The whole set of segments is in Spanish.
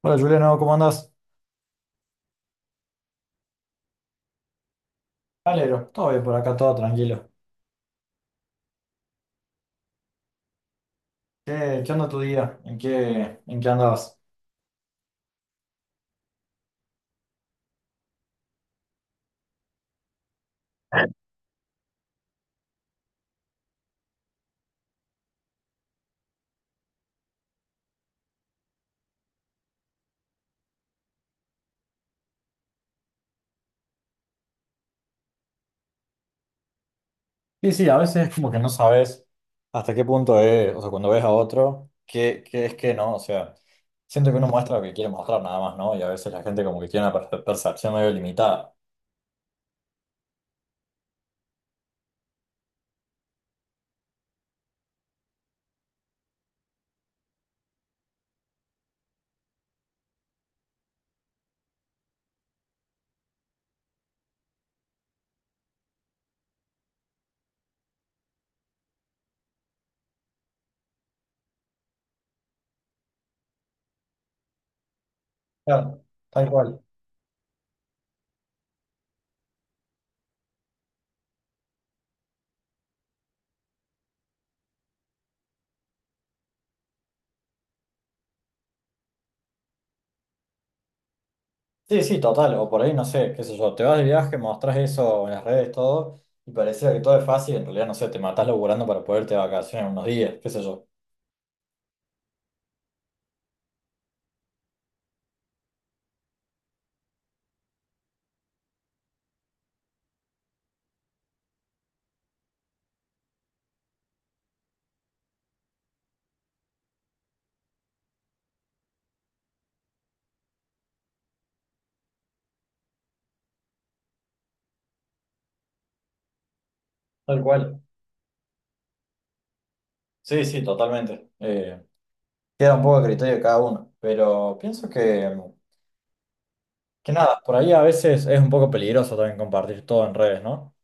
Hola Juliano, ¿cómo andás? Alero, todo bien por acá, todo tranquilo. ¿Qué onda tu día? ¿En qué andabas? Sí, sí, a veces es como que no sabes hasta qué punto es, o sea, cuando ves a otro, qué es que no, o sea, siento que uno muestra lo que quiere mostrar nada más, ¿no? Y a veces la gente como que tiene una percepción medio limitada. Claro, tal cual. Sí, sí, total, o por ahí no sé, qué sé yo, te vas de viaje, mostrás eso en las redes, todo, y pareciera que todo es fácil, en realidad no sé, te matás laburando para poderte de vacaciones unos días, qué sé yo. Tal cual. Sí, sí, totalmente. Queda un poco a criterio de cada uno, pero pienso que nada, por ahí a veces es un poco peligroso también compartir todo en redes, ¿no?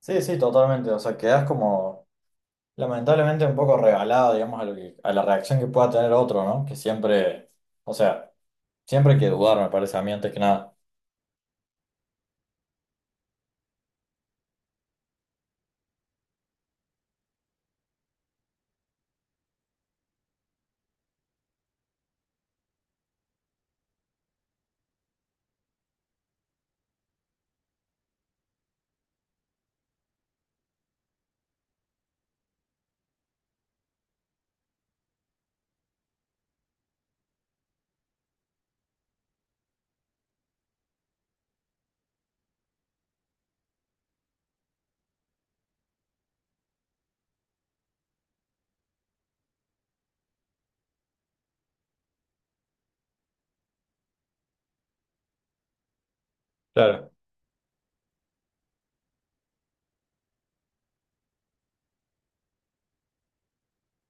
Sí, sí, totalmente. O sea, quedas como lamentablemente un poco regalado, digamos, a lo que- a la reacción que pueda tener otro, ¿no? Que siempre, o sea, siempre hay que dudar, me parece a mí, antes que nada. Claro.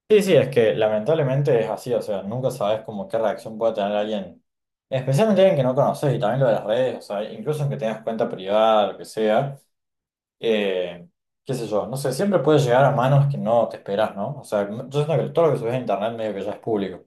Sí, sí, es que lamentablemente es así, o sea, nunca sabes como qué reacción puede tener alguien, especialmente alguien que no conoces y también lo de las redes, o sea, incluso aunque tengas cuenta privada, lo que sea. Eh, Qué sé yo, no sé, siempre puede llegar a manos que no te esperas, ¿no? O sea, yo siento que todo lo que subes a internet medio que ya es público.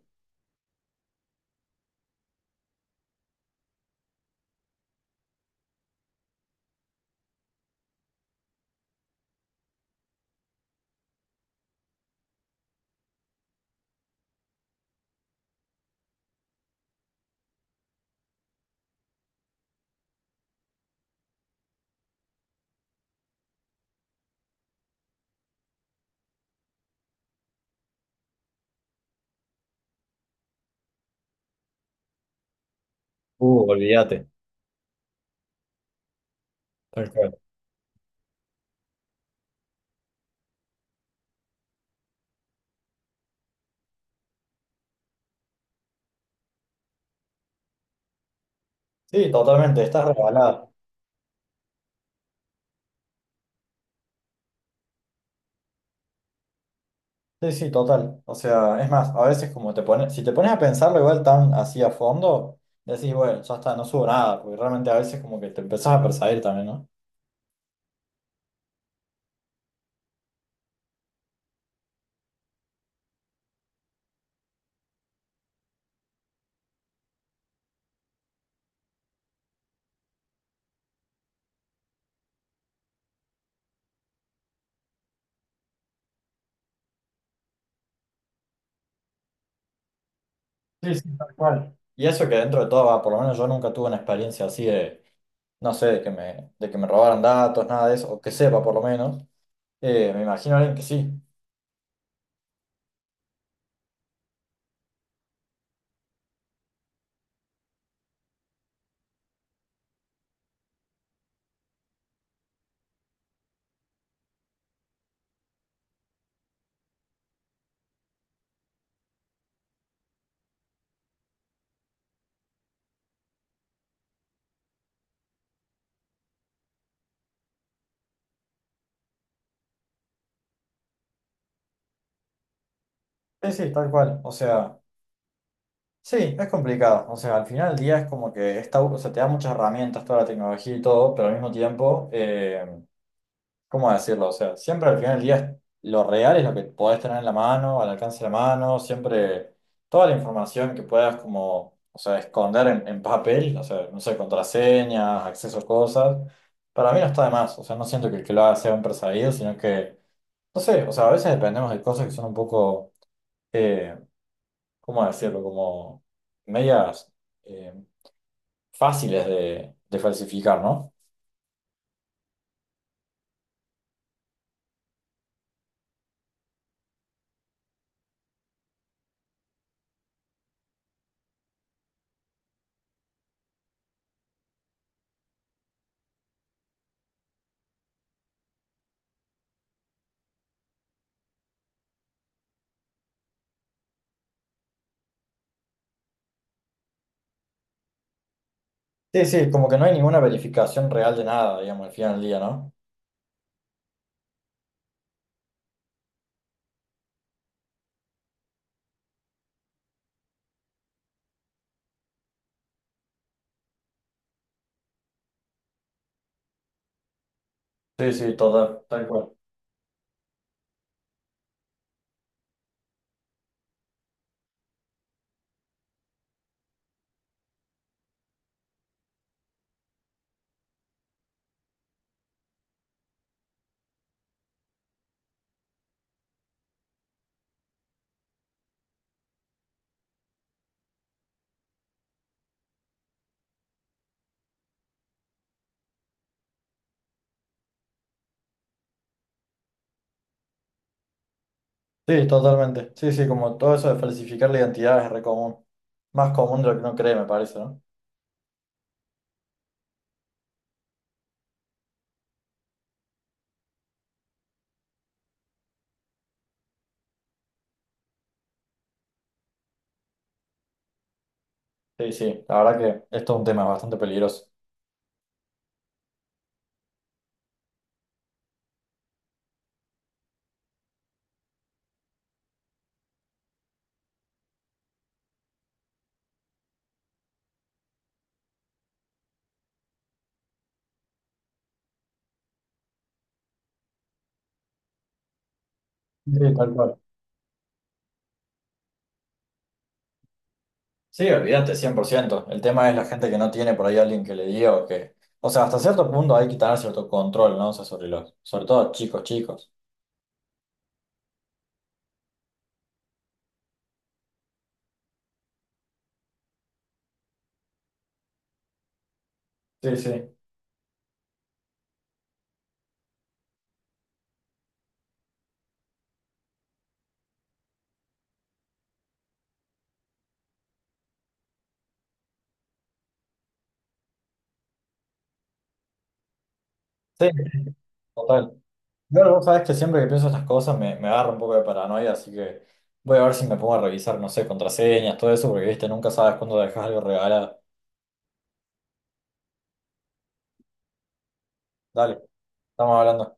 Olvídate. Tal cual. Sí, totalmente, estás regalada. Sí, sí, total. O sea, es más, a veces como te pones, si te pones a pensarlo igual tan así a fondo, decís, bueno, ya está, no subo nada, porque realmente a veces como que te empezás a perseguir también, ¿no? Sí, sí, tal cual. Y eso que dentro de todo, va, por lo menos yo nunca tuve una experiencia así de, no sé, de que me robaran datos, nada de eso, o que sepa por lo menos. Me imagino a alguien que sí. Sí, sí, tal cual. O sea, sí, es complicado. O sea, al final del día es como que está, o sea, te da muchas herramientas, toda la tecnología y todo, pero al mismo tiempo, ¿cómo decirlo? O sea, siempre al final del día es- lo real es lo que podés tener en la mano, al alcance de la mano, siempre toda la información que puedas como, o sea, esconder en papel, o sea, no sé, contraseñas, acceso a cosas, para mí no está de más. O sea, no siento que el que lo haga sea un perseguido, sino que, no sé, o sea, a veces dependemos de cosas que son un poco eh, ¿cómo decirlo? Como medias eh, fáciles de falsificar, ¿no? Sí, sí, como que no hay ninguna verificación real de nada, digamos, al final del día, ¿no? Sí, sí, total, tal cual. Sí, totalmente. Sí, sí, como todo eso de falsificar la identidad es re común. Más común de lo que uno cree, me parece, ¿no? Sí, sí, la verdad que esto es un tema bastante peligroso. Sí, tal cual. Sí, olvídate, 100%. El tema es la gente que no tiene por ahí alguien que le diga o que... O sea, hasta cierto punto hay que tener cierto control, ¿no? O sea, sobre los, sobre todo chicos, chicos. Sí, sí. Sí, total. Yo, vos sabés que siempre que pienso estas cosas me, me agarra un poco de paranoia, así que voy a ver si me pongo a revisar, no sé, contraseñas, todo eso, porque viste, nunca sabes cuándo dejas algo regalado. Dale, estamos hablando.